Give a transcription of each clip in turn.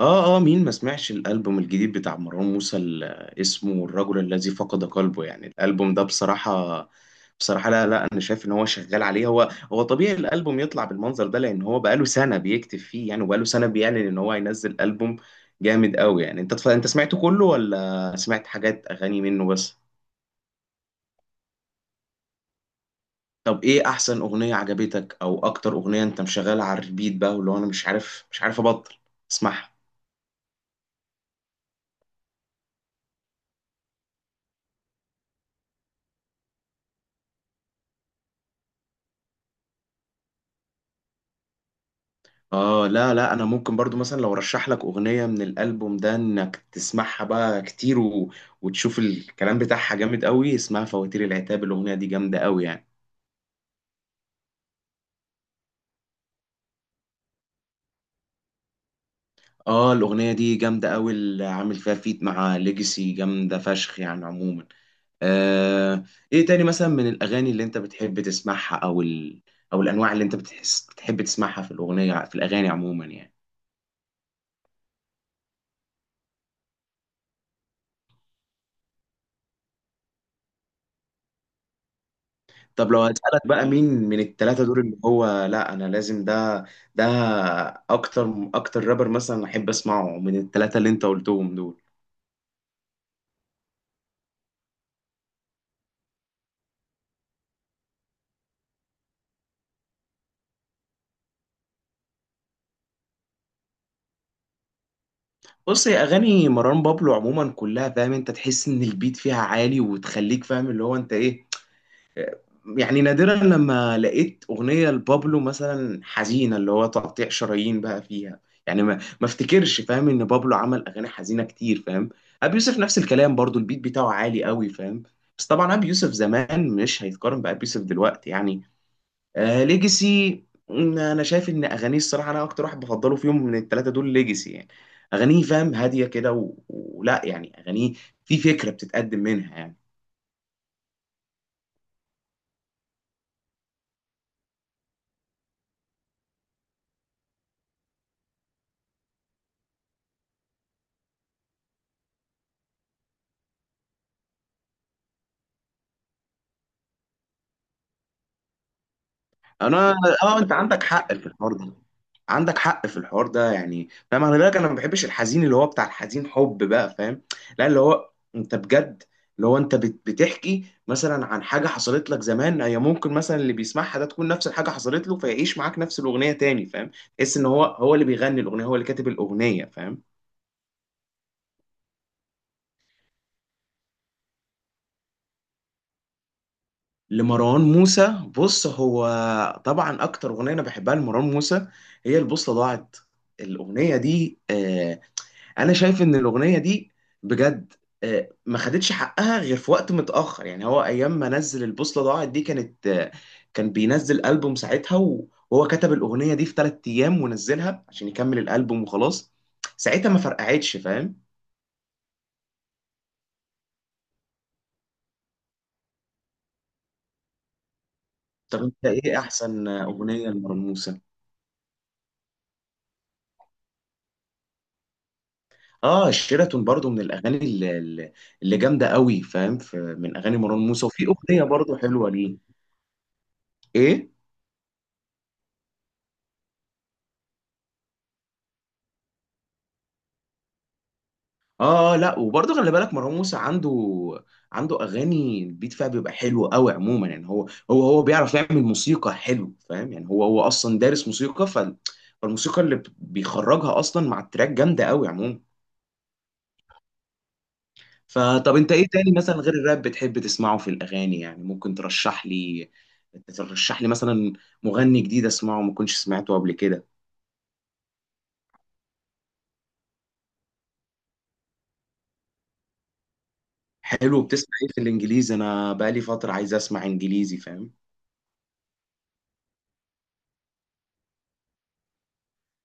اه اه، مين ما سمعش الالبوم الجديد بتاع مروان موسى اللي اسمه الرجل الذي فقد قلبه؟ يعني الالبوم ده بصراحه، لا لا، انا شايف ان هو شغال عليه، هو طبيعي الالبوم يطلع بالمنظر ده، لان هو بقاله سنه بيكتب فيه يعني، وبقاله سنه بيعلن ان هو هينزل البوم جامد قوي يعني. انت سمعته كله ولا سمعت حاجات اغاني منه بس؟ طب ايه احسن اغنيه عجبتك، او اكتر اغنيه انت مشغلها على الريبيت بقى، واللي هو انا مش عارف ابطل اسمعها؟ اه، لا لا، انا ممكن برضو مثلا لو رشح لك اغنيه من الالبوم ده انك تسمعها بقى كتير، وتشوف الكلام بتاعها جامد قوي. اسمها فواتير العتاب، الاغنيه دي جامده قوي يعني. اه، الاغنيه دي جامده قوي، اللي عامل فيها فيت مع ليجاسي جامده فشخ يعني عموما. آه. ايه تاني مثلا من الاغاني اللي انت بتحب تسمعها، او الانواع اللي انت بتحس بتحب تسمعها في في الاغاني عموما يعني؟ طب لو هسألك بقى مين من التلاتة دول، اللي هو لا، أنا لازم ده أكتر رابر مثلا أحب أسمعه من التلاتة اللي أنت قلتهم دول. بص، هي أغاني مروان بابلو عموما كلها فاهم، أنت تحس إن البيت فيها عالي وتخليك فاهم اللي هو أنت إيه يعني. نادرا لما لقيت أغنية لبابلو مثلا حزينة اللي هو تقطيع شرايين بقى فيها. يعني ما افتكرش فاهم ان بابلو عمل اغاني حزينة كتير فاهم. ابي يوسف نفس الكلام برضو، البيت بتاعه عالي قوي فاهم. بس طبعا ابي يوسف زمان مش هيتقارن بابي يوسف دلوقتي يعني. آه، ليجاسي. انا شايف ان اغانيه الصراحة، انا اكتر واحد بفضله فيهم من الثلاثة دول ليجاسي يعني. اغانيه فاهم هادية كده، ولا يعني اغانيه في فكرة بتتقدم منها يعني. انا اه، انت عندك حق في الحوار ده، يعني فاهم، خلي بالك انا ما بحبش الحزين اللي هو بتاع الحزين حب بقى فاهم. لا، اللي هو انت بجد، اللي هو بتحكي مثلا عن حاجه حصلت لك زمان، هي ممكن مثلا اللي بيسمعها ده تكون نفس الحاجه حصلت له، فيعيش معاك نفس الاغنيه تاني فاهم. تحس ان هو اللي بيغني الاغنيه، هو اللي كاتب الاغنيه فاهم. لمروان موسى، بص هو طبعا اكتر اغنيه انا بحبها لمروان موسى هي البوصله ضاعت. الاغنيه دي انا شايف ان الاغنيه دي بجد ما خدتش حقها غير في وقت متاخر يعني. هو ايام ما نزل البوصله ضاعت دي كانت كان بينزل البوم ساعتها، وهو كتب الاغنيه دي في 3 ايام ونزلها عشان يكمل الالبوم وخلاص. ساعتها ما فرقعتش فاهم. طب انت ايه احسن اغنيه لمروان موسى؟ اه، شيراتون برضو من الاغاني اللي جامده قوي فاهم، من اغاني مروان موسى، وفي اغنيه برضو حلوه ليه. ايه. اه لا، وبرضه خلي بالك مروان موسى عنده اغاني البيت فيها بيبقى حلو قوي عموما يعني. هو بيعرف يعمل موسيقى حلو فاهم يعني، هو اصلا دارس موسيقى، فالموسيقى اللي بيخرجها اصلا مع التراك جامده قوي عموما. فطب انت ايه تاني مثلا غير الراب بتحب تسمعه في الاغاني يعني؟ ممكن ترشح لي مثلا مغني جديد اسمعه ما كنتش سمعته قبل كده. حلو، بتسمع ايه في الانجليزي؟ انا بقالي فتره عايز اسمع انجليزي فاهم.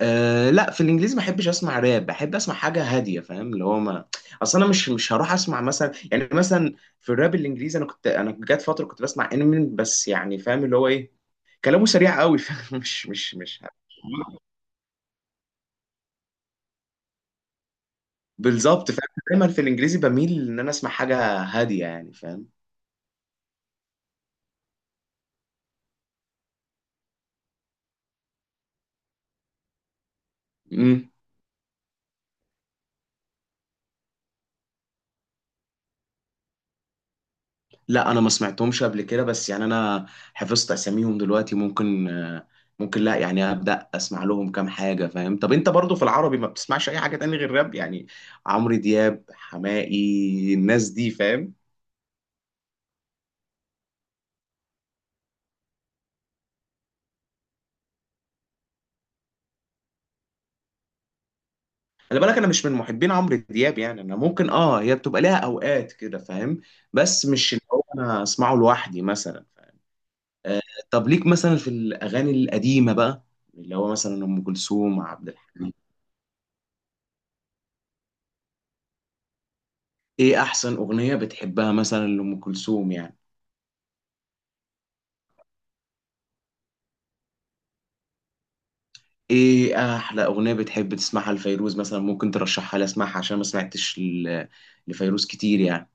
أه لا، في الانجليزي ما بحبش اسمع راب، بحب اسمع حاجه هاديه فاهم. اللي هو ما، اصل انا مش هروح اسمع مثلا، يعني مثلا في الراب الانجليزي، انا جات فتره كنت بسمع انمين بس يعني فاهم. اللي هو ايه؟ كلامه سريع قوي فاهم مش مش مش بالظبط فاهم. دايما في الانجليزي بميل ان انا اسمع حاجه هاديه يعني فاهم. لا انا ما سمعتهمش قبل كده، بس يعني انا حفظت اساميهم دلوقتي ممكن، ممكن لا يعني، ابدا اسمع لهم كام حاجه فاهم. طب انت برضو في العربي ما بتسمعش اي حاجه تاني غير راب يعني؟ عمرو دياب، حماقي، الناس دي فاهم. خلي بالك انا مش من محبين عمرو دياب يعني، انا ممكن هي بتبقى ليها اوقات كده فاهم، بس مش اللي هو انا اسمعه لوحدي مثلا فاهم. آه. طب ليك مثلا في الاغاني القديمه بقى، اللي هو مثلا ام كلثوم، عبد الحليم، ايه احسن اغنية بتحبها مثلا لأم كلثوم يعني؟ ايه احلى اغنية بتحب تسمعها لفيروز مثلا؟ ممكن ترشحها لي اسمعها عشان ما سمعتش لفيروز كتير يعني.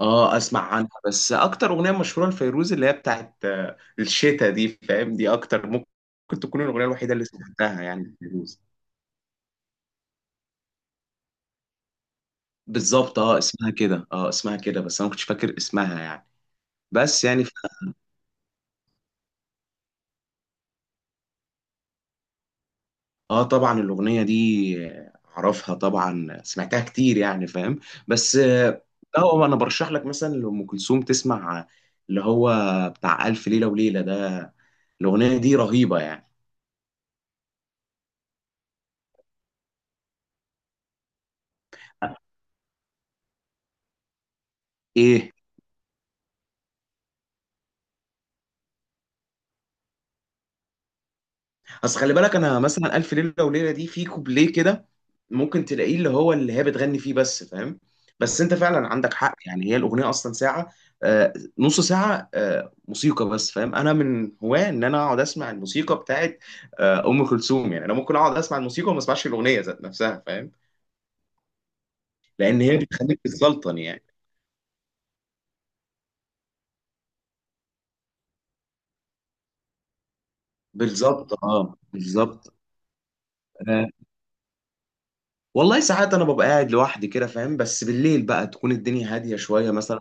اه، اسمع عنها، بس اكتر اغنية مشهورة لفيروز اللي هي بتاعت الشتا دي فاهم، دي اكتر ممكن تكون الاغنية الوحيدة اللي سمعتها يعني لفيروز. بالظبط، اه اسمها كده، اه اسمها كده بس انا ما كنتش فاكر اسمها يعني. بس يعني اه، طبعا الاغنيه دي اعرفها طبعا، سمعتها كتير يعني فاهم. بس اه، هو انا برشح لك مثلا لام كلثوم تسمع اللي هو بتاع الف ليله وليله ده، الاغنيه دي رهيبه يعني ايه. اصل خلي بالك انا مثلا الف ليله وليله دي في كوبليه كده ممكن تلاقيه اللي هي بتغني فيه بس فاهم. بس انت فعلا عندك حق يعني، هي الاغنيه اصلا ساعه، آه نص ساعه موسيقى بس فاهم. انا من هواه ان انا اقعد اسمع الموسيقى بتاعت ام كلثوم يعني، انا ممكن اقعد اسمع الموسيقى وما اسمعش الاغنيه ذات نفسها فاهم، لان هي بتخليك تتسلطن يعني. بالظبط، اه بالظبط. آه، والله ساعات انا ببقى قاعد لوحدي كده فاهم، بس بالليل بقى تكون الدنيا هاديه شويه مثلا.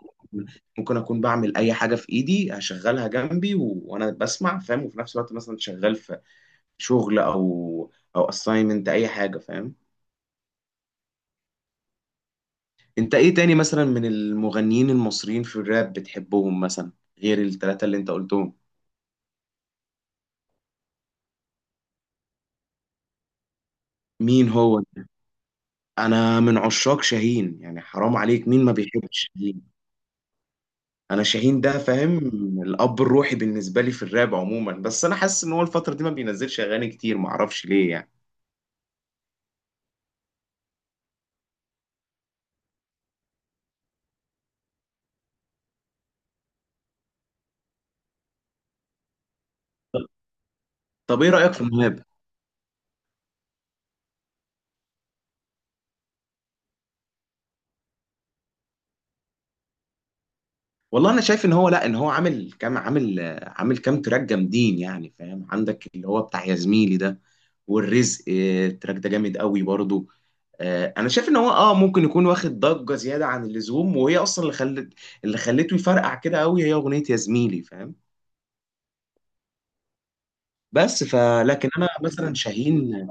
ممكن اكون بعمل اي حاجه في ايدي هشغلها جنبي وانا بسمع فاهم، وفي نفس الوقت مثلا شغال في شغل، او اساينمنت اي حاجه فاهم. انت ايه تاني مثلا من المغنيين المصريين في الراب بتحبهم مثلا، غير الثلاثه اللي انت قلتهم؟ مين هو؟ انا من عشاق شاهين يعني، حرام عليك، مين ما بيحبش. انا شاهين ده فاهم، الاب الروحي بالنسبه لي في الراب عموما، بس انا حاسس ان هو الفتره دي ما بينزلش اغاني كتير، ما اعرفش ليه يعني. طب ايه رايك في مهاب؟ والله انا شايف ان هو لا، ان هو عامل كام، عامل كام تراك جامدين يعني فاهم، عندك اللي هو بتاع يا زميلي ده، والرزق التراك ده جامد قوي برضو. انا شايف ان هو ممكن يكون واخد ضجه زياده عن اللزوم، وهي اصلا اللي خلته يفرقع كده قوي هي اغنيه يا زميلي فاهم. بس فلكن انا مثلا شاهين.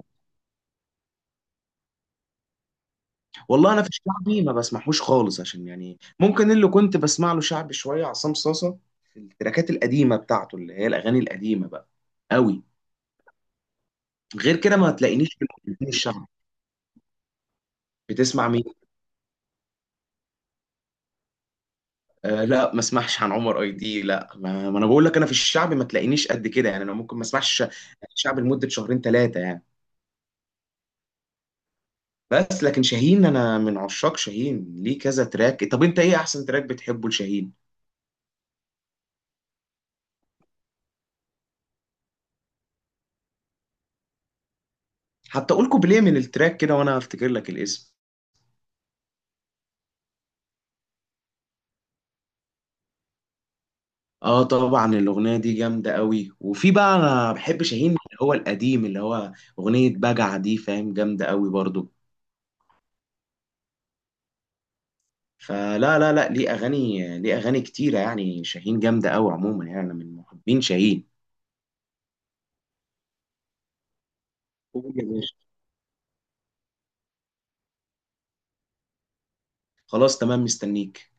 والله انا في الشعبي ما بسمعهوش خالص عشان يعني، ممكن اللي كنت بسمع له شعبي شويه عصام صاصه، في التراكات القديمه بتاعته اللي هي الاغاني القديمه بقى قوي. غير كده ما هتلاقينيش في المغنيين الشعبي. بتسمع مين؟ آه لا، ما اسمعش عن عمر اي دي، لا، ما انا بقول لك، انا في الشعبي ما تلاقينيش قد كده يعني، انا ممكن ما اسمعش شعبي لمده شهرين ثلاثه يعني. بس لكن شاهين، انا من عشاق شاهين، ليه كذا تراك. طب انت ايه احسن تراك بتحبه لشاهين؟ حتى اقول كوبليه من التراك كده وانا افتكر لك الاسم. اه طبعا الاغنيه دي جامده قوي، وفي بقى انا بحب شاهين اللي هو القديم، اللي هو اغنيه بجع دي فاهم، جامده قوي برضو. فلا لا لا، ليه اغاني، ليه اغاني كتيره يعني، شاهين جامده قوي عموما يعني، انا من محبين شاهين. قول يا باشا. خلاص تمام مستنيك.